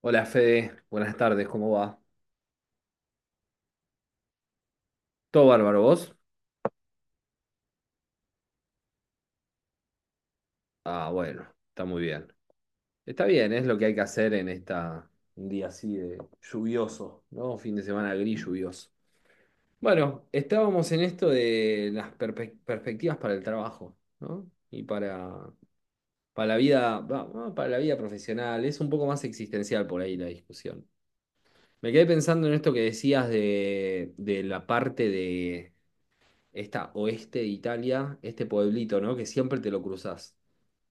Hola Fede, buenas tardes, ¿cómo va? ¿Todo bárbaro vos? Ah, bueno, está muy bien. Está bien, es lo que hay que hacer en un día así de lluvioso, ¿no? Fin de semana gris lluvioso. Bueno, estábamos en esto de las perspectivas para el trabajo, ¿no? Y para la vida, para la vida profesional. Es un poco más existencial por ahí la discusión. Me quedé pensando en esto que decías de la parte de esta oeste de Italia, este pueblito, ¿no? Que siempre te lo cruzás.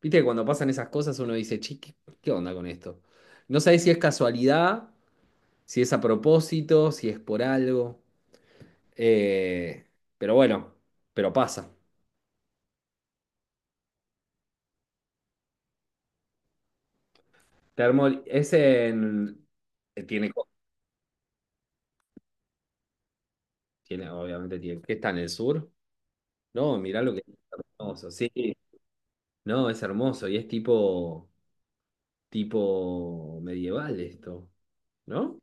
Viste que cuando pasan esas cosas uno dice, che, ¿qué onda con esto? No sabés si es casualidad, si es a propósito, si es por algo. Eh, pero bueno, pero pasa. Es en... tiene, tiene, obviamente tiene. ¿Qué está en el sur? No, mirá lo que es hermoso. Sí, no, es hermoso y es tipo medieval esto, ¿no?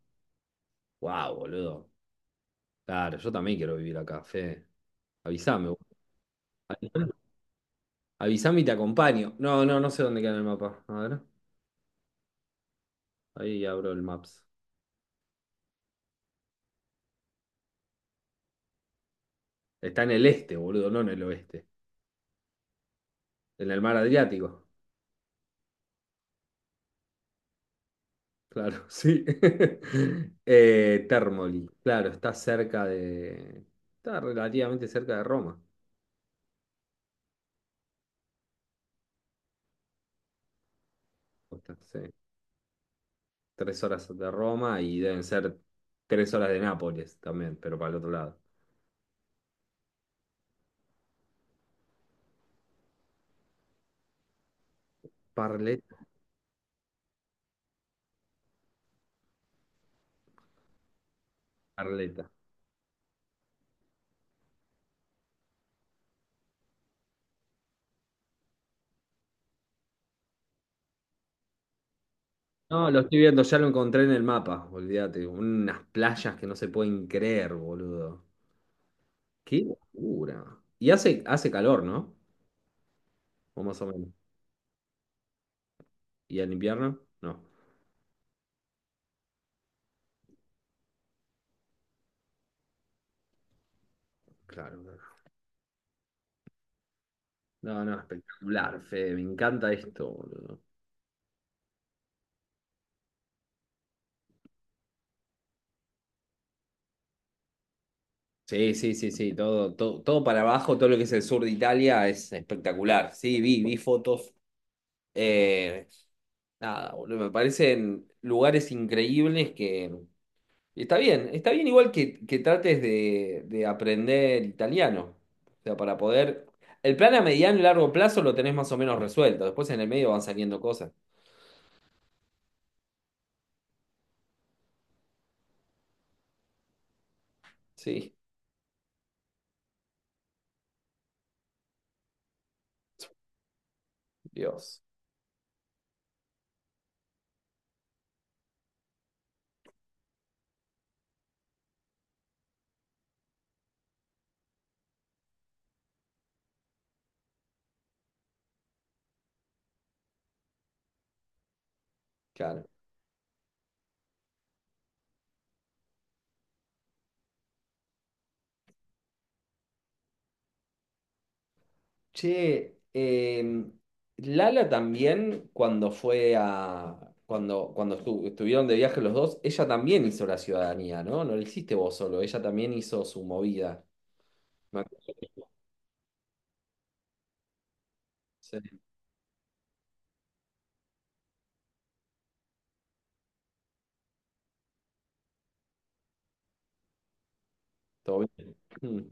Wow, boludo. Claro, yo también quiero vivir acá, Fede. Avísame vos. Avísame Avísame y te acompaño. No, no, no sé dónde queda en el mapa. A ver, ahí abro el Maps. Está en el este, boludo, no en el oeste. En el mar Adriático. Claro, sí. Termoli. Claro, está cerca de... Está relativamente cerca de Roma. O está, sí. 3 horas de Roma y deben ser 3 horas de Nápoles también, pero para el otro lado. Parleta, Parleta. No, lo estoy viendo, ya lo encontré en el mapa, olvídate. Unas playas que no se pueden creer, boludo. Qué locura. Y hace calor, ¿no? O más o menos. ¿Y en invierno? No. Claro, no, no, no, espectacular, Fede, me encanta esto, boludo. Sí, sí, sí, sí, todo, todo, todo para abajo, todo lo que es el sur de Italia es espectacular. Sí, vi fotos. Eh, Nada, boludo, me parecen lugares increíbles que. Y está bien, está bien igual que trates de aprender italiano. O sea, para poder... El plan a mediano y largo plazo lo tenés más o menos resuelto. Después en el medio van saliendo cosas. Sí. Dios, claro. Che, Lala también cuando fue a... Cuando estuvieron de viaje los dos, ella también hizo la ciudadanía, ¿no? No lo hiciste vos solo, ella también hizo su movida. No, sí, todo bien. Mm.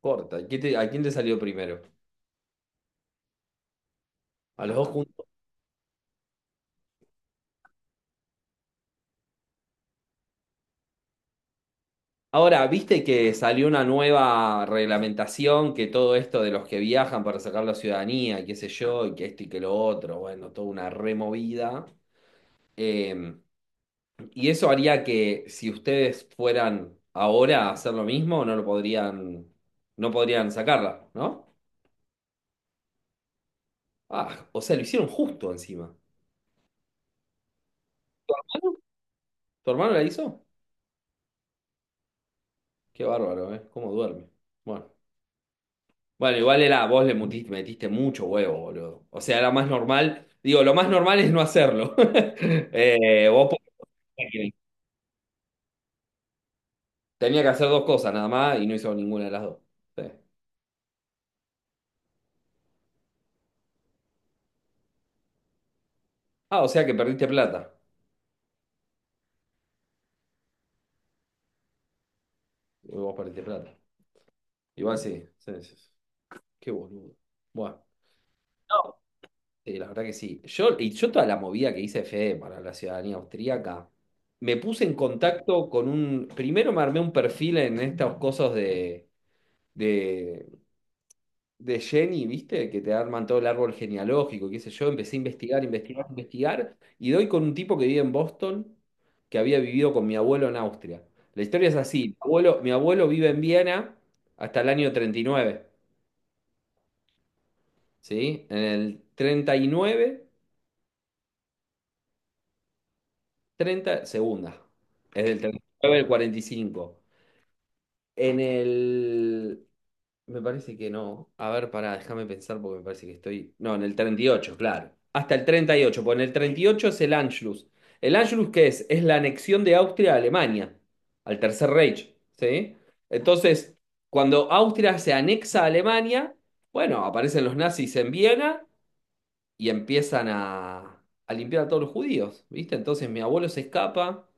Corta. ¿A quién te salió primero? ¿A los dos? Ahora, viste que salió una nueva reglamentación que todo esto de los que viajan para sacar la ciudadanía, y qué sé yo, y que esto y que lo otro, bueno, toda una removida. Eh, y eso haría que si ustedes fueran ahora a hacer lo mismo, no lo podrían, no podrían sacarla, ¿no? Ah, o sea, lo hicieron justo encima. ¿Tu hermano la hizo? Qué bárbaro, ¿eh? ¿Cómo duerme? Bueno. Bueno, igual era, vos le metiste mucho huevo, boludo. O sea, era más normal. Digo, lo más normal es no hacerlo. Eh, vos podés- Tenía que hacer dos cosas nada más y no hizo ninguna de las dos. Sí. Ah, o sea que perdiste plata. Vos perdiste plata. Igual sí, sí, sí, sí. Qué boludo. Bueno, sí, la verdad que sí. Y yo toda la movida que hice fe para la ciudadanía austríaca, me puse en contacto con un. Primero me armé un perfil en estas cosas de de Jenny, ¿viste? Que te arman todo el árbol genealógico, qué sé yo. Empecé a investigar, investigar, investigar. Y doy con un tipo que vive en Boston, que había vivido con mi abuelo en Austria. La historia es así. Mi abuelo vive en Viena hasta el año 39, ¿sí? En el 39 30 segunda. Es del 39 al 45. En el Me parece que no. A ver, pará, déjame pensar porque me parece que estoy. No, en el 38 claro. Hasta el 38 porque en el 38 es el Anschluss. ¿El Anschluss qué es? Es la anexión de Austria a Alemania, al Tercer Reich, ¿sí? Entonces, cuando Austria se anexa a Alemania, bueno, aparecen los nazis en Viena y empiezan a limpiar a todos los judíos, ¿viste? Entonces mi abuelo se escapa,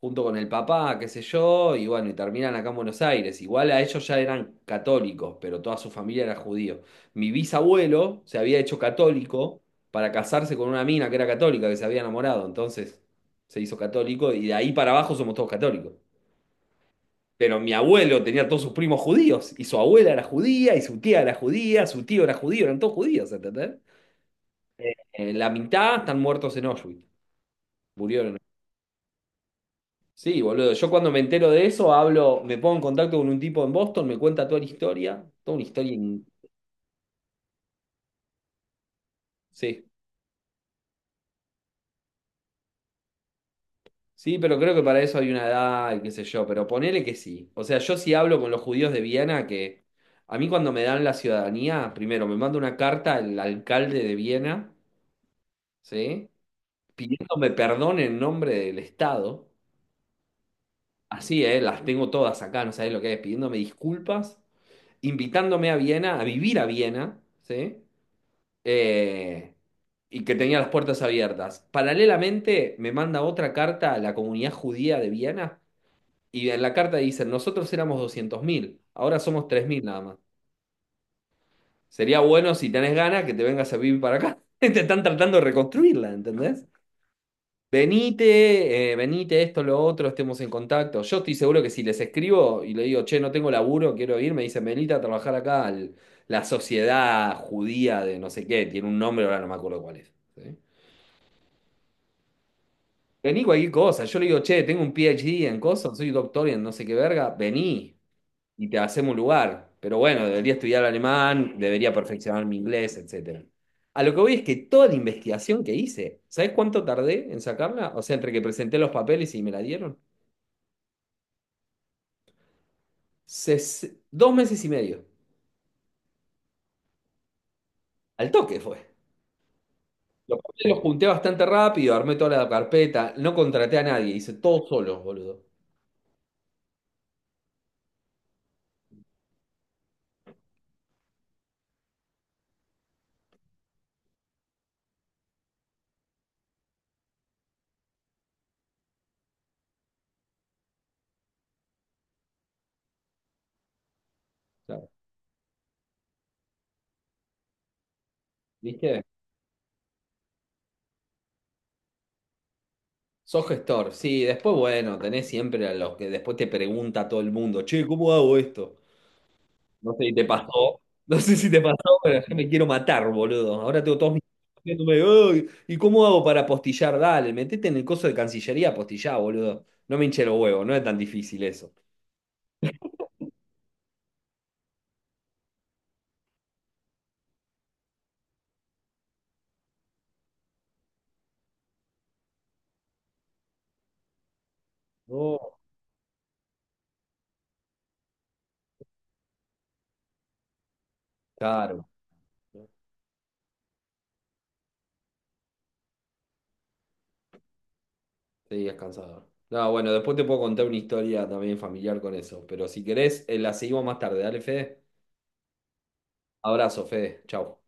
junto con el papá, qué sé yo, y bueno, y terminan acá en Buenos Aires. Igual a ellos ya eran católicos, pero toda su familia era judío. Mi bisabuelo se había hecho católico para casarse con una mina que era católica, que se había enamorado, entonces se hizo católico y de ahí para abajo somos todos católicos. Pero mi abuelo tenía todos sus primos judíos, y su abuela era judía, y su tía era judía, su tío era judío, eran todos judíos, ¿entendés? La mitad están muertos en Auschwitz, murieron en... Sí, boludo. Yo cuando me entero de eso, hablo, me pongo en contacto con un tipo en Boston, me cuenta toda la historia. Toda una historia. Sí, sí, pero creo que para eso hay una edad y qué sé yo. Pero ponele que sí. O sea, yo sí hablo con los judíos de Viena, que a mí cuando me dan la ciudadanía, primero me manda una carta el alcalde de Viena, ¿sí? Pidiéndome perdón en nombre del Estado. Así, ¿eh? Las tengo todas acá, no sabés lo que es. Pidiéndome disculpas, invitándome a Viena, a vivir a Viena, ¿sí? eh, y que tenía las puertas abiertas. Paralelamente, me manda otra carta a la comunidad judía de Viena, y en la carta dicen, nosotros éramos 200.000, ahora somos 3.000 nada más. Sería bueno si tenés ganas que te vengas a vivir para acá. Te están tratando de reconstruirla, ¿entendés? Venite, venite, esto, lo otro, estemos en contacto. Yo estoy seguro que si les escribo y le digo, che, no tengo laburo, quiero ir, me dicen, venite a trabajar acá la sociedad judía de no sé qué, tiene un nombre, ahora no me acuerdo cuál es, ¿sí? Vení cualquier cosa. Yo le digo, che, tengo un PhD en cosas, soy doctor en no sé qué verga, vení y te hacemos un lugar. Pero bueno, debería estudiar alemán, debería perfeccionar mi inglés, etcétera. A lo que voy es que toda la investigación que hice, ¿sabés cuánto tardé en sacarla? O sea, entre que presenté los papeles y me la dieron. 2 meses y medio. Al toque fue. Los papeles los junté bastante rápido, armé toda la carpeta, no contraté a nadie, hice todo solo, boludo. Claro. ¿Viste? Sos gestor, sí, después bueno, tenés siempre a los que después te pregunta todo el mundo, che, ¿cómo hago esto? No sé si te pasó, no sé si te pasó, pero yo me quiero matar, boludo. Ahora tengo todos mis... diciéndome: "Ay, ¿y cómo hago para apostillar?". Dale, metete en el coso de Cancillería, apostillá, boludo. No me hinche los huevos, no es tan difícil eso. No, claro, sí, es cansador. No, bueno, después te puedo contar una historia también familiar con eso, pero si querés, la seguimos más tarde. Dale, Fede. Abrazo, Fede. Chau.